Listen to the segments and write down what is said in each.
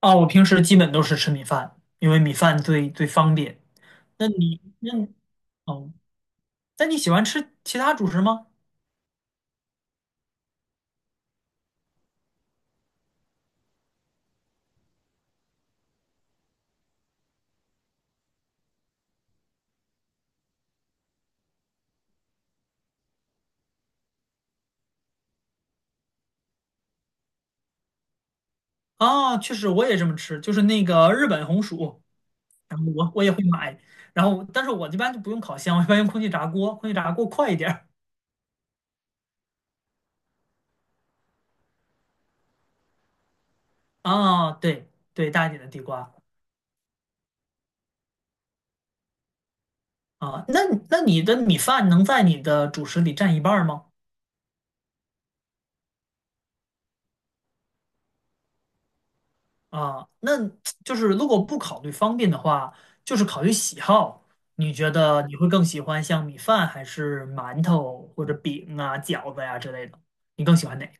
啊，我平时基本都是吃米饭，因为米饭最方便。那你那哦，那你喜欢吃其他主食吗？啊，确实我也这么吃，就是那个日本红薯，然后我也会买，然后但是我一般就不用烤箱，我一般用空气炸锅，空气炸锅快一点儿。啊，对对，大一点的地瓜啊，那那你的米饭能在你的主食里占一半儿吗？啊，那就是如果不考虑方便的话，就是考虑喜好。你觉得你会更喜欢像米饭还是馒头或者饼啊、饺子呀、之类的？你更喜欢哪个？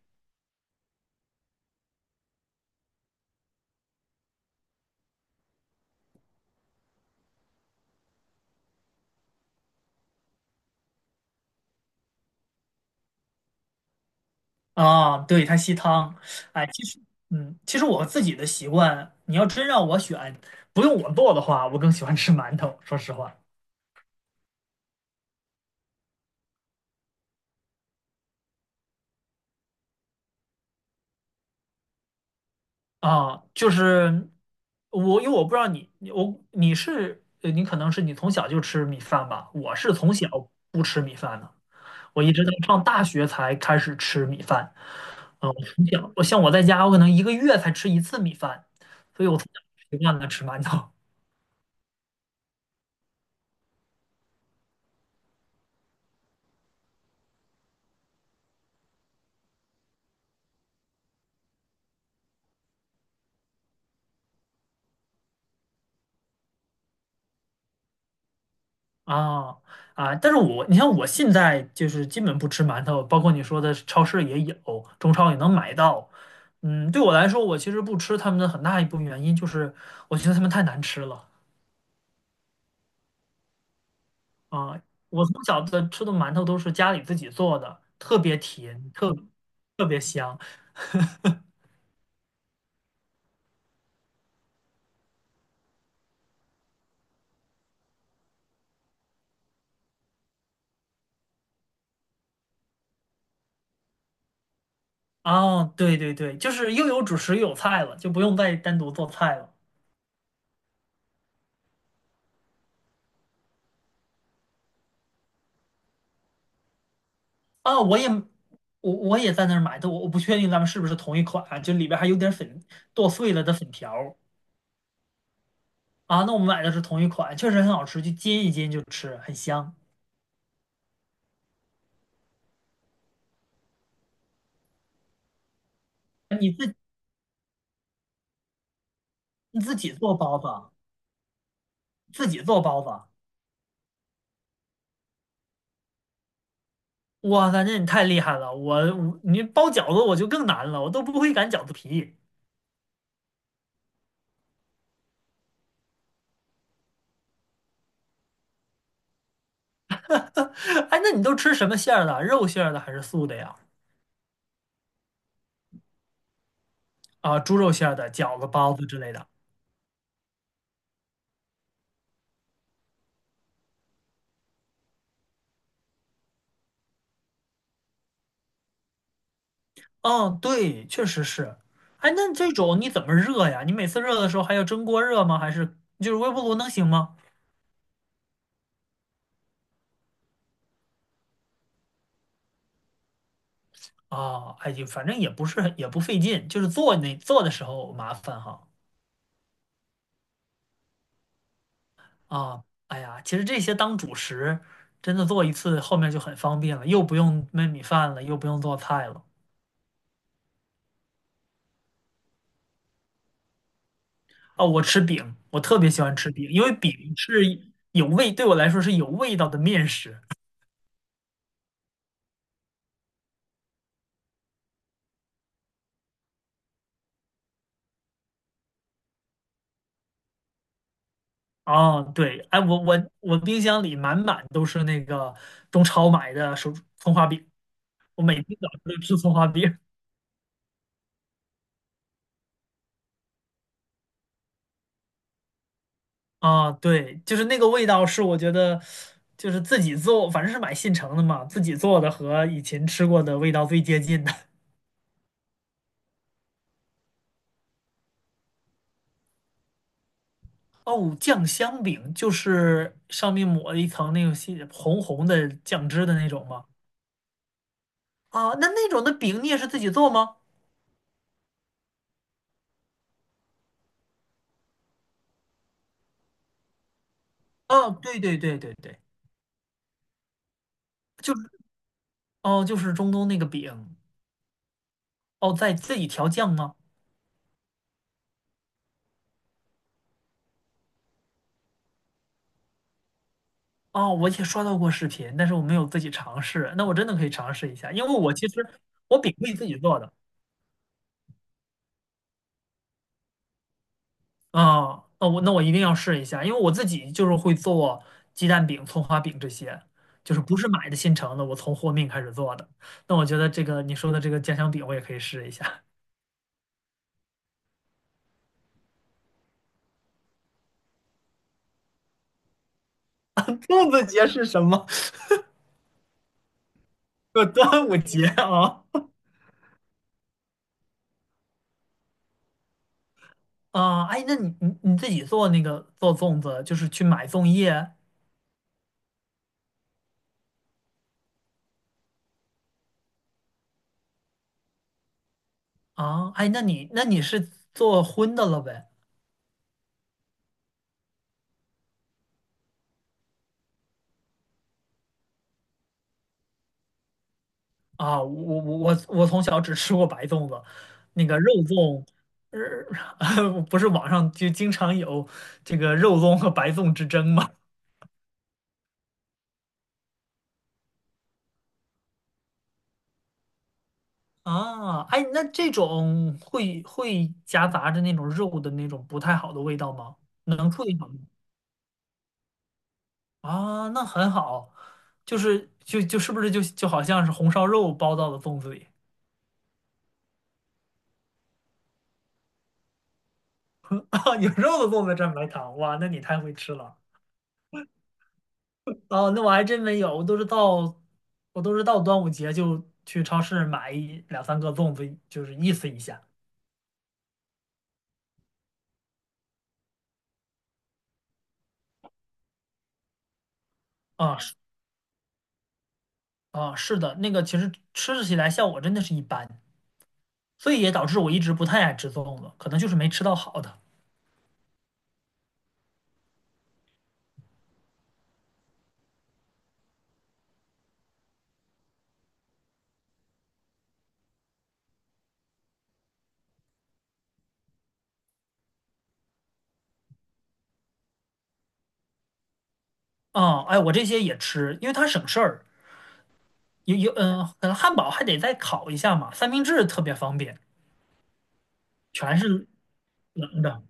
啊，对，它吸汤。哎，其实，其实我自己的习惯，你要真让我选，不用我做的话，我更喜欢吃馒头。说实话，啊，就是我，因为我不知道你，你你可能是你从小就吃米饭吧？我是从小不吃米饭的。我一直到上大学才开始吃米饭。嗯，我从小，我像我在家，我可能一个月才吃一次米饭，所以我从小习惯了吃馒头啊啊！但是我，你像我现在就是基本不吃馒头，包括你说的超市也有，中超也能买到。嗯，对我来说，我其实不吃他们的很大一部分原因就是我觉得他们太难吃了啊！我从小的吃的馒头都是家里自己做的，特别甜，特别香。哦，对对对，就是又有主食又有菜了，就不用再单独做菜了。啊、我也我也在那儿买的，我不确定咱们是不是同一款啊，就里边还有点粉，剁碎了的粉条儿啊。那我们买的是同一款，确实很好吃，就煎一煎就吃，很香。你自你自己做包子啊，自己做包子啊，哇塞，那你太厉害了！我你包饺子我就更难了，我都不会擀饺子皮。哎，那你都吃什么馅儿的？肉馅儿的还是素的呀？啊，猪肉馅儿的、饺子、包子之类的。哦，对，确实是。哎，那这种你怎么热呀？你每次热的时候还要蒸锅热吗？还是就是微波炉能行吗？啊，哎，就反正也不是很也不费劲，就是做那做的时候麻烦哈。啊，哎呀，其实这些当主食，真的做一次后面就很方便了，又不用焖米饭了，又不用做菜了。啊，我吃饼，我特别喜欢吃饼，因为饼是有味，对我来说是有味道的面食。哦，对，哎，我冰箱里满满都是那个中超买的手葱花饼，我每天早上都吃葱花饼。啊，对，就是那个味道是我觉得，就是自己做，反正是买现成的嘛，自己做的和以前吃过的味道最接近的。哦，酱香饼就是上面抹了一层那种细红红的酱汁的那种吗？啊，那那种的饼你也是自己做吗？哦，对对对对对，就是哦，就是中东那个饼，哦，在自己调酱吗？哦，我也刷到过视频，但是我没有自己尝试。那我真的可以尝试一下，因为我其实我饼可以自己做的。啊、那我那我一定要试一下，因为我自己就是会做鸡蛋饼、葱花饼这些，就是不是买的现成的，我从和面开始做的。那我觉得这个你说的这个家香饼，我也可以试一下。粽子节是什么？呃，端午节啊 啊！哎，那你自己做那个做粽子，就是去买粽叶啊？哎，那你那你是做荤的了呗？啊，我从小只吃过白粽子，那个肉粽，呃，不是网上就经常有这个肉粽和白粽之争吗？啊，哎，那这种会夹杂着那种肉的那种不太好的味道吗？能处理好吗？啊，那很好，就是就就是不是就就好像是红烧肉包到了粽子里，有肉的粽子蘸白糖，哇，那你太会吃了。哦，那我还真没有，我都是到端午节就去超市买一两三个粽子，就是意思一下。啊是啊，是的，那个其实吃起来效果真的是一般，所以也导致我一直不太爱吃粽子，可能就是没吃到好的。啊，哎，我这些也吃，因为它省事儿。有有，嗯，可能汉堡还得再烤一下嘛，三明治特别方便，全是冷的。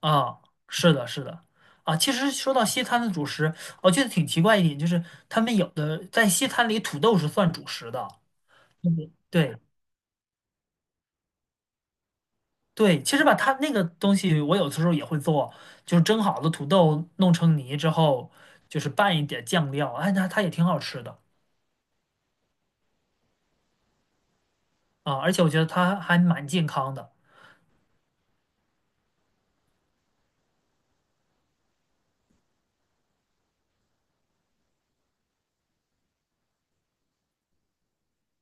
啊，是的，是的，啊，其实说到西餐的主食，我觉得挺奇怪一点，就是他们有的在西餐里土豆是算主食的，对对，其实吧，它那个东西我有的时候也会做，就是蒸好的土豆弄成泥之后，就是拌一点酱料，哎，那它也挺好吃的啊，而且我觉得它还蛮健康的，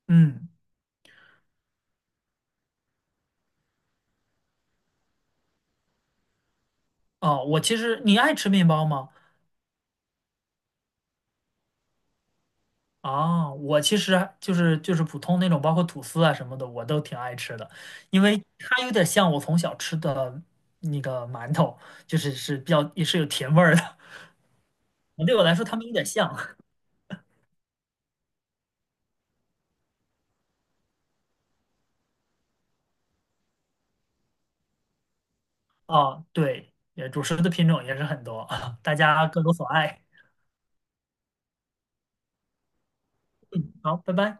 嗯，哦，我其实你爱吃面包吗？啊，我其实就是普通那种，包括吐司啊什么的，我都挺爱吃的，因为它有点像我从小吃的那个馒头，就是是比较也是有甜味儿的。对我来说，它们有点像啊。对，也主食的品种也是很多，大家各有所爱。好，拜拜。